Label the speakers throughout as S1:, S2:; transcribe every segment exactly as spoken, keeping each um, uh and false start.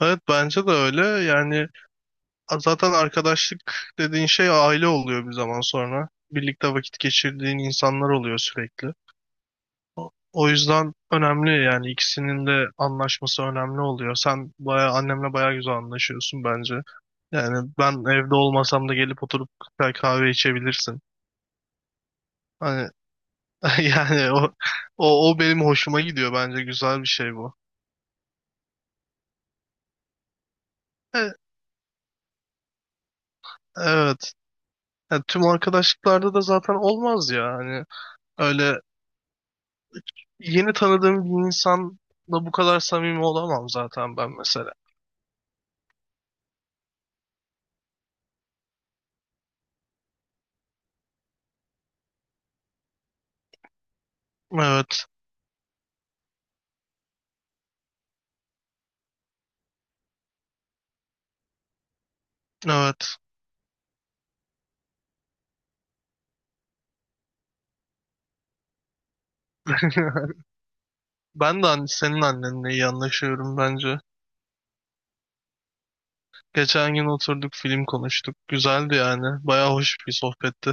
S1: Evet bence de öyle. Yani a- zaten arkadaşlık dediğin şey aile oluyor bir zaman sonra. Birlikte vakit geçirdiğin insanlar oluyor sürekli. O yüzden önemli yani ikisinin de anlaşması önemli oluyor. Sen bayağı annemle bayağı güzel anlaşıyorsun bence. Yani ben evde olmasam da gelip oturup güzel kahve içebilirsin. Hani yani o o, o benim hoşuma gidiyor bence güzel bir şey bu. E, evet. Yani tüm arkadaşlıklarda da zaten olmaz ya. Hani öyle. Yeni tanıdığım bir insanla bu kadar samimi olamam zaten ben mesela. Evet, evet. Ben de an- senin annenle iyi anlaşıyorum bence. Geçen gün oturduk film konuştuk. Güzeldi yani. Baya hoş bir sohbetti.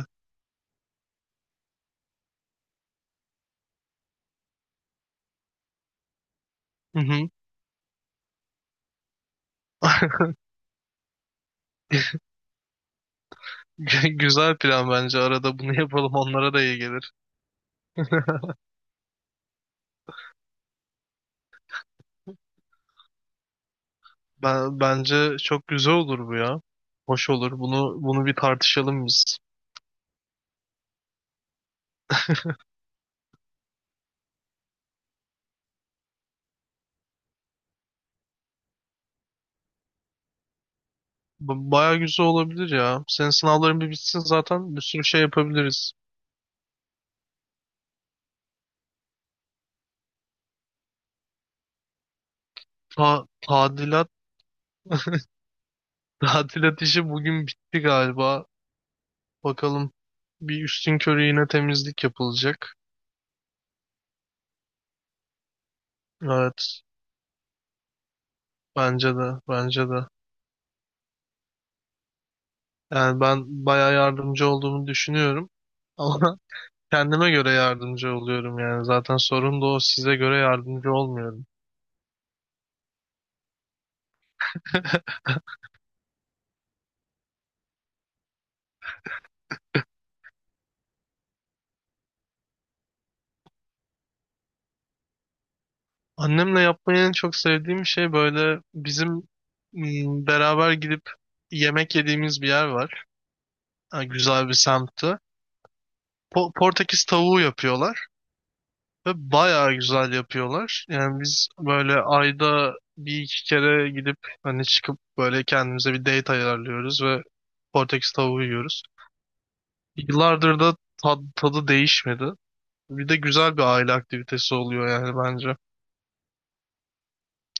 S1: Hı hı. Gü- Güzel plan bence. Arada bunu yapalım onlara da iyi gelir. Ben, bence çok güzel olur bu ya. Hoş olur. Bunu bunu bir tartışalım biz. B- Baya güzel olabilir ya. Senin sınavların bir bitsin zaten bir sürü şey yapabiliriz. Ta tadilat, tadilat işi bugün bitti galiba. Bakalım bir üstün körü yine temizlik yapılacak. Evet, bence de, bence de. Yani ben bayağı yardımcı olduğumu düşünüyorum. Ama kendime göre yardımcı oluyorum yani. Zaten sorun da o, size göre yardımcı olmuyorum. Annemle yapmayı en çok sevdiğim şey böyle bizim m, beraber gidip yemek yediğimiz bir yer var. Ha, güzel bir semtte. Po- Portekiz tavuğu yapıyorlar. Ve bayağı güzel yapıyorlar. Yani biz böyle ayda bir iki kere gidip hani çıkıp böyle kendimize bir date ayarlıyoruz ve Portekiz tavuğu yiyoruz. Yıllardır da tad- tadı değişmedi. Bir de güzel bir aile aktivitesi oluyor yani bence.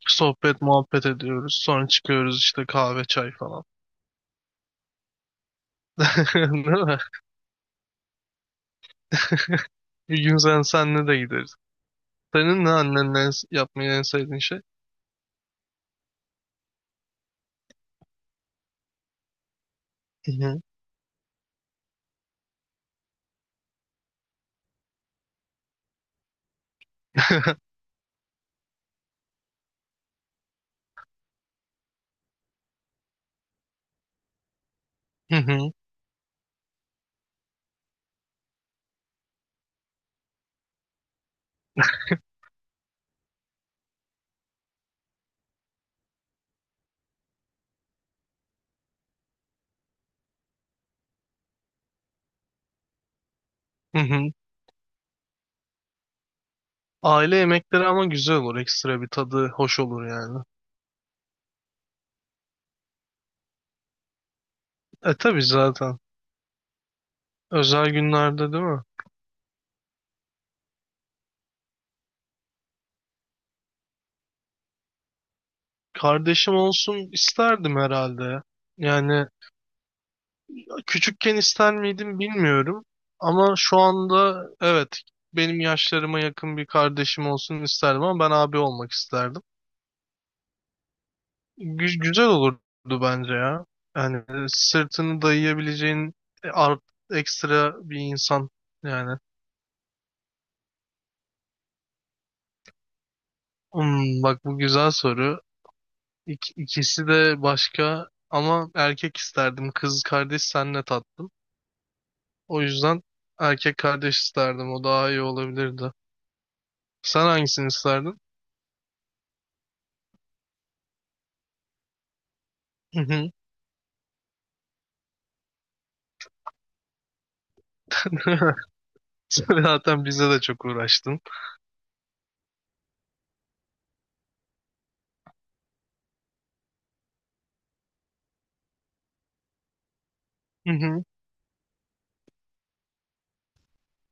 S1: Sohbet, muhabbet ediyoruz. Sonra çıkıyoruz işte kahve, çay falan. Değil mi? Bir gün sen senle de gideriz. Senin ne annenle yapmayı en sevdiğin şey? Hı hı. Hı hı. Hı hı. Aile yemekleri ama güzel olur. Ekstra bir tadı hoş olur yani. E tabii zaten. Özel günlerde değil mi? Kardeşim olsun isterdim herhalde ya. Yani küçükken ister miydim bilmiyorum. Ama şu anda, evet, benim yaşlarıma yakın bir kardeşim olsun isterdim ama ben abi olmak isterdim. Gü- güzel olurdu bence ya. Yani e, sırtını dayayabileceğin e, art ekstra bir insan yani. Hmm, bak bu güzel soru. İk, ikisi de başka ama erkek isterdim. Kız kardeş senle tatlım. O yüzden erkek kardeş isterdim. O daha iyi olabilirdi. Sen hangisini isterdin? Hı hı. Sen zaten bize de çok uğraştın. Hı hı.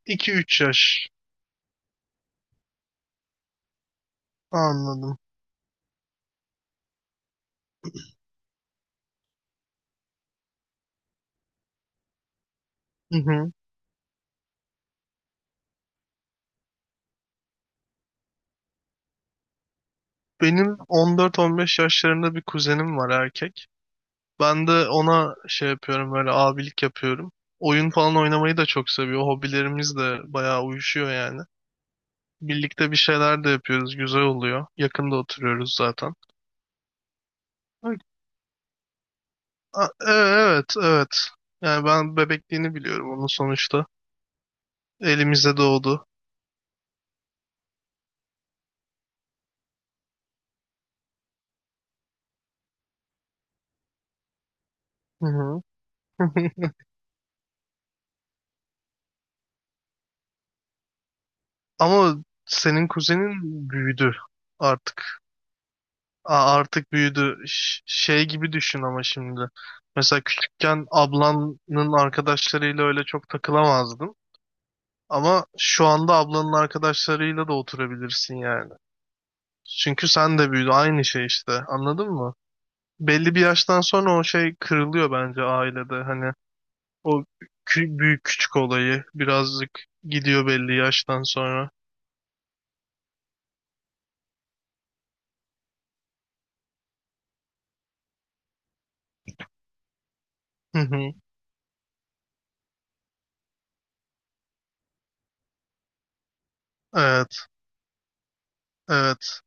S1: iki üç yaş. Anladım. Hı hı. Benim on dört on beş yaşlarında bir kuzenim var erkek. Ben de ona şey yapıyorum, böyle abilik yapıyorum. Oyun falan oynamayı da çok seviyor. Hobilerimiz de bayağı uyuşuyor yani. Birlikte bir şeyler de yapıyoruz. Güzel oluyor. Yakında oturuyoruz zaten. A- e- Evet, evet. Yani ben bebekliğini biliyorum onun sonuçta. Elimizde doğdu. Hı hı. Ama senin kuzenin büyüdü artık. A- Artık büyüdü. Ş- Şey gibi düşün ama şimdi. Mesela küçükken ablanın arkadaşlarıyla öyle çok takılamazdın. Ama şu anda ablanın arkadaşlarıyla da oturabilirsin yani. Çünkü sen de büyüdü. Aynı şey işte. Anladın mı? Belli bir yaştan sonra o şey kırılıyor bence ailede. Hani o kü- büyük küçük olayı birazcık gidiyor belli yaştan sonra. Hı hı. Evet, evet.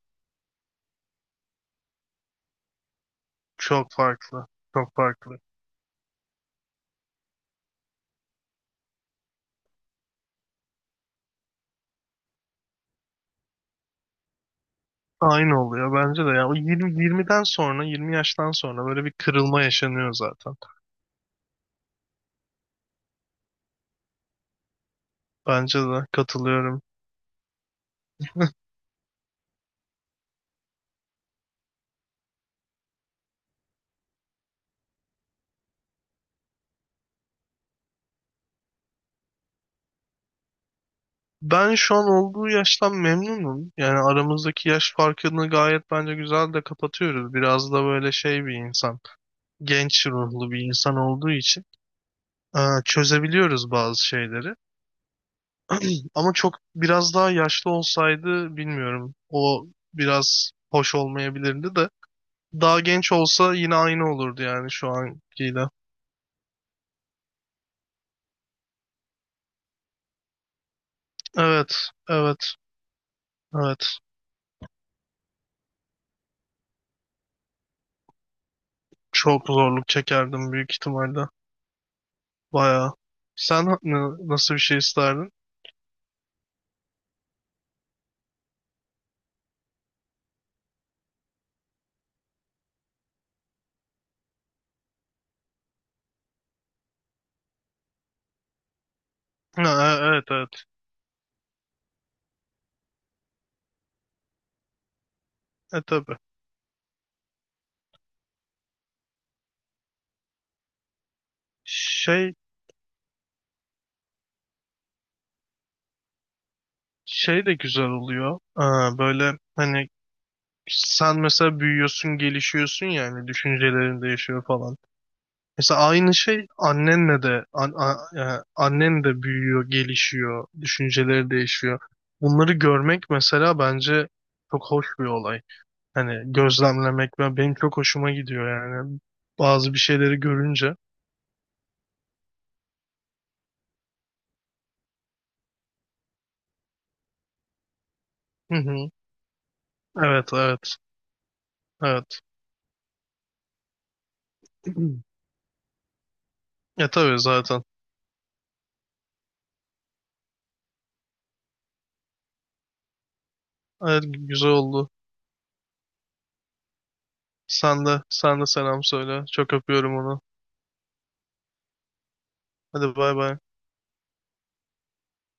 S1: Çok farklı. Çok farklı. Aynı oluyor bence de. Yani o 20, 20'den sonra, yirmi yaştan sonra böyle bir kırılma yaşanıyor zaten. Bence de katılıyorum. Ben şu an olduğu yaştan memnunum. Yani aramızdaki yaş farkını gayet bence güzel de kapatıyoruz. Biraz da böyle şey bir insan, genç ruhlu bir insan olduğu için. Aa, çözebiliyoruz bazı şeyleri. Ama çok biraz daha yaşlı olsaydı bilmiyorum. O biraz hoş olmayabilirdi de. Daha genç olsa yine aynı olurdu yani şu ankiyle. Evet, evet, evet. Çok zorluk çekerdim büyük ihtimalle. Bayağı. Sen ne- nasıl bir şey isterdin? Ha, e- evet, evet. E tabii. Şey, şey de güzel oluyor. Aa, böyle hani sen mesela büyüyorsun, gelişiyorsun yani düşüncelerin değişiyor falan. Mesela aynı şey annenle de an, a- e, annen de büyüyor, gelişiyor, düşünceleri değişiyor. Bunları görmek mesela bence çok hoş bir olay. Hani gözlemlemek ve benim çok hoşuma gidiyor yani. Bazı bir şeyleri görünce. Hı hı. Evet, evet, evet. Ya tabii zaten. Evet, güzel oldu. Sen de, sen de selam söyle. Çok öpüyorum onu. Hadi bay bay.